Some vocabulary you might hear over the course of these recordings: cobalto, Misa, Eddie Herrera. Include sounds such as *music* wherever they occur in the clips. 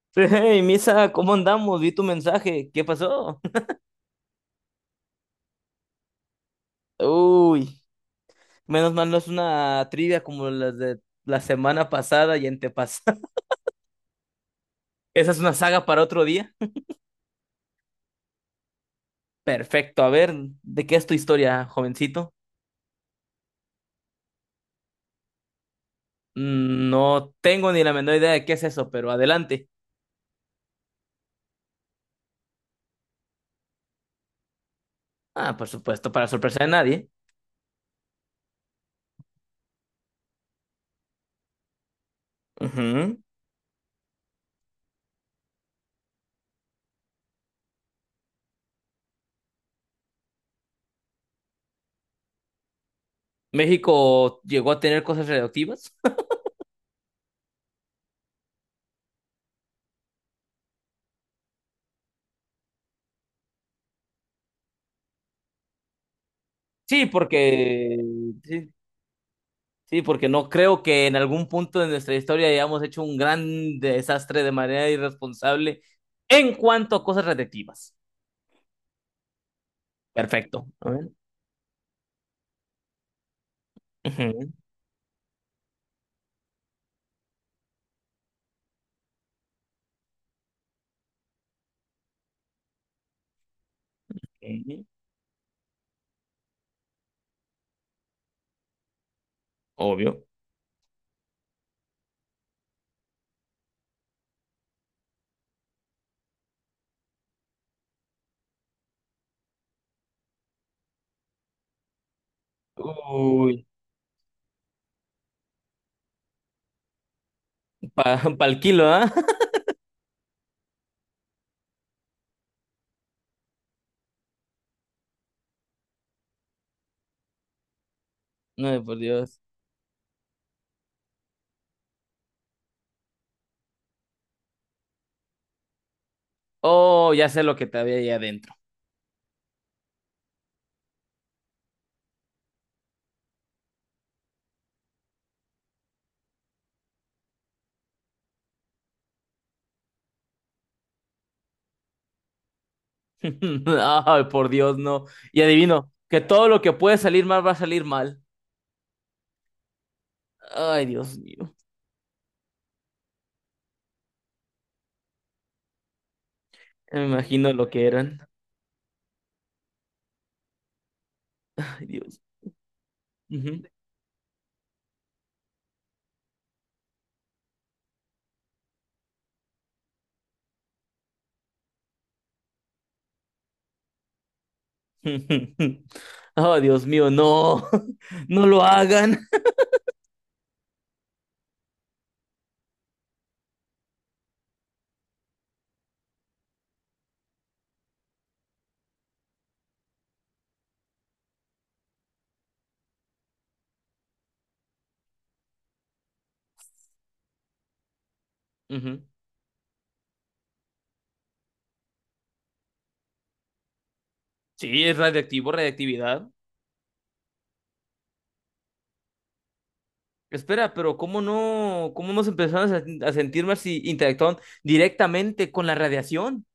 *laughs* Hey, Misa, ¿cómo andamos? Vi tu mensaje. ¿Qué pasó? *laughs* Uy, menos mal no es una trivia como las de la semana pasada y antepasada. *laughs* Esa es una saga para otro día. Perfecto. A ver, ¿de qué es tu historia, jovencito? Mm, no tengo ni la menor idea de qué es eso, pero adelante. Ah, por supuesto, para sorpresa de nadie. Ujú. ¿México llegó a tener cosas radioactivas? *laughs* Sí, porque… Sí. Sí, porque no creo que en algún punto de nuestra historia hayamos hecho un gran desastre de manera irresponsable en cuanto a cosas radiactivas. Perfecto. A ver. Ujú. Ok. Obvio. Uy, pa, *laughs* pa'l kilo, ¿ah? *laughs* No, por Dios. Oh, ya sé lo que te había ahí adentro. *laughs* Ay, por Dios, no. Y adivino, que todo lo que puede salir mal va a salir mal. Ay, Dios mío. Me imagino lo que eran. Ay, Dios. *laughs* Oh, Dios mío, no, *laughs* no lo hagan. Ujú. Sí, es radiactivo, radiactividad. Espera, pero ¿cómo no, cómo nos empezamos a sentir más si interactuaban directamente con la radiación?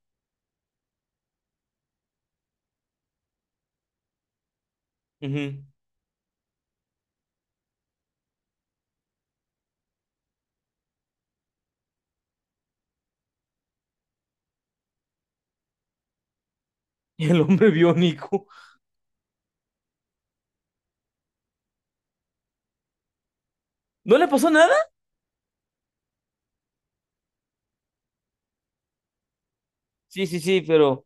Ujú. *laughs* Y el hombre biónico. ¿No le pasó nada? Sí, sí, sí, pero…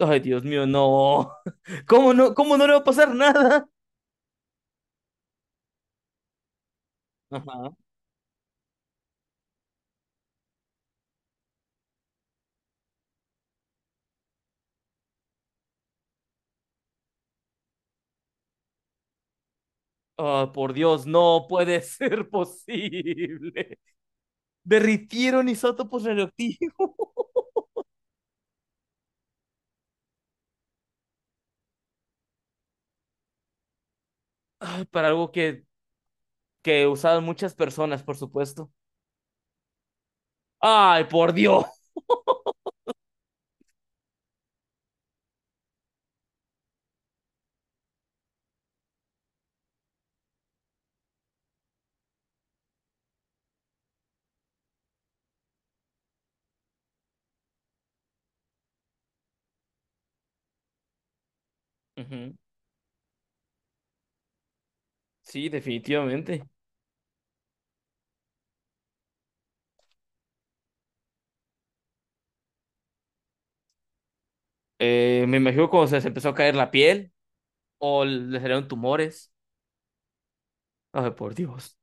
Ay, Dios mío, no. *laughs* ¿Cómo no le va a pasar nada? Ajá. Ah, por Dios, no puede ser posible. *laughs* Derritieron isótopos radioactivos. *laughs* Para algo que usaron muchas personas, por supuesto. ¡Ay, por Dios! Ujú. Sí, definitivamente. Me imagino cuando se les empezó a caer la piel o les salieron tumores. Ay, por Dios.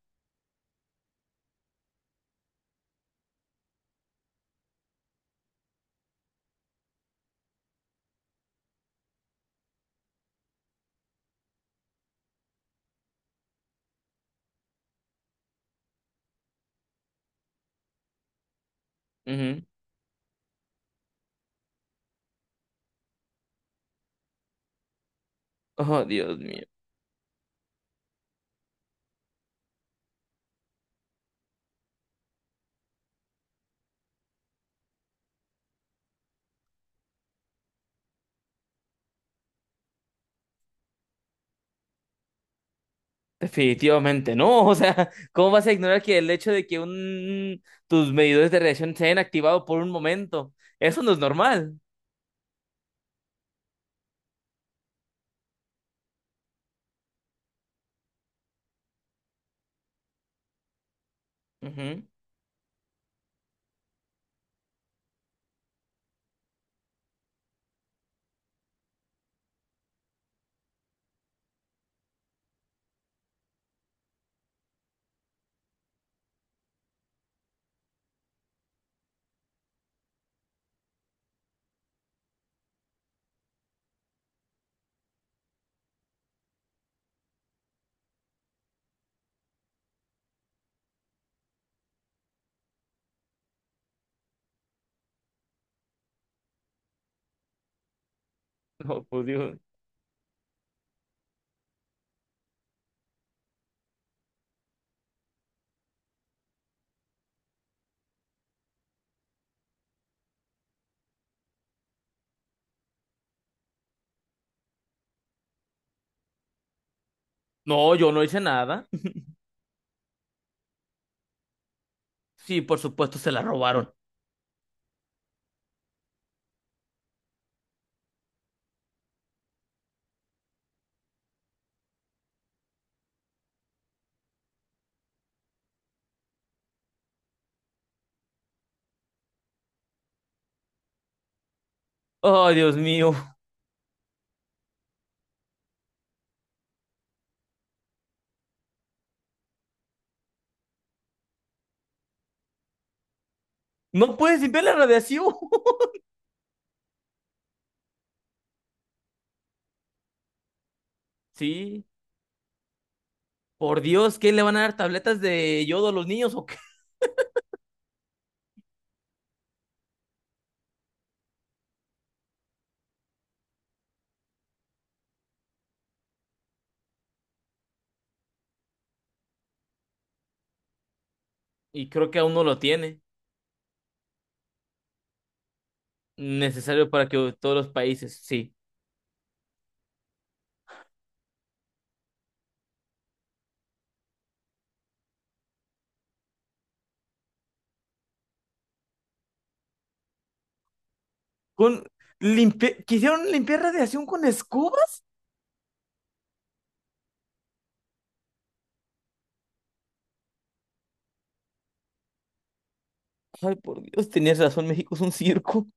Ujú. Oh, Dios mío. Definitivamente no, *laughs* o sea, ¿cómo vas a ignorar que el hecho de que un, tus medidores de radiación se hayan activado por un momento? Eso no es normal. Ujú. No, por Dios. No, yo no hice nada. Sí, por supuesto, se la robaron. Oh, Dios mío. No puedes limpiar la radiación. *laughs* Sí, por Dios, ¿qué le van a dar tabletas de yodo a los niños o qué? Y creo que aún no lo tiene. Necesario para que todos los países, sí. Con limpi- ¿quisieron limpiar radiación con escoba? Ay, por Dios, tenías razón, México es un circo.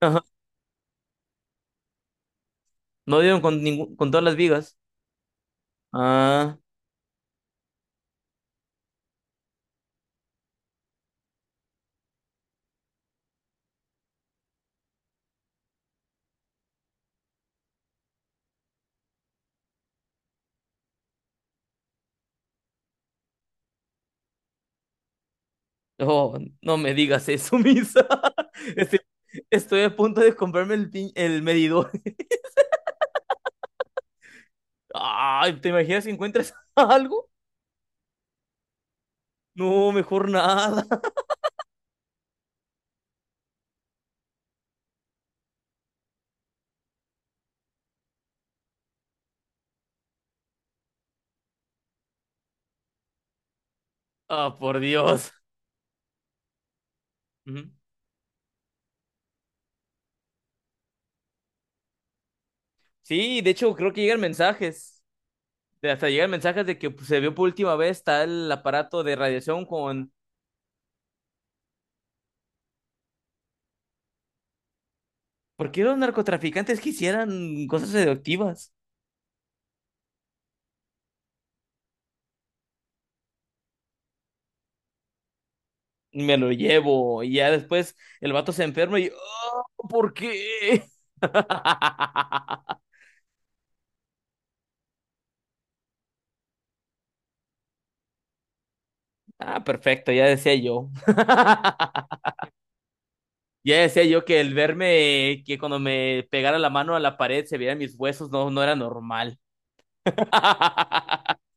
*laughs* Ajá. No dieron con ningún, con todas las vigas. Ah, no, no me digas eso, *laughs* Misa. Estoy, estoy a punto de comprarme el, pin- el medidor. *laughs* Ay, ¿te imaginas si encuentras *laughs* algo? No, mejor nada. *laughs* Ah, por Dios. Ujú. Sí, de hecho, creo que llegan mensajes. De- hasta llegan mensajes de que pues, se vio por última vez tal aparato de radiación con. ¿Por qué los narcotraficantes quisieran cosas radioactivas? Me lo llevo. Y ya después el vato se enferma y, oh, ¿por qué? *laughs* Ah, perfecto, ya decía yo. *laughs* Ya decía yo que el verme, que cuando me pegara la mano a la pared se vieran mis huesos, no, no era normal. *laughs*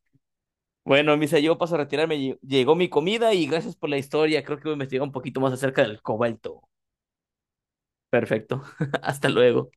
Bueno, Misa, yo paso a retirarme. Lle- llegó mi comida y gracias por la historia. Creo que voy a investigar un poquito más acerca del cobalto. Perfecto. *laughs* Hasta luego.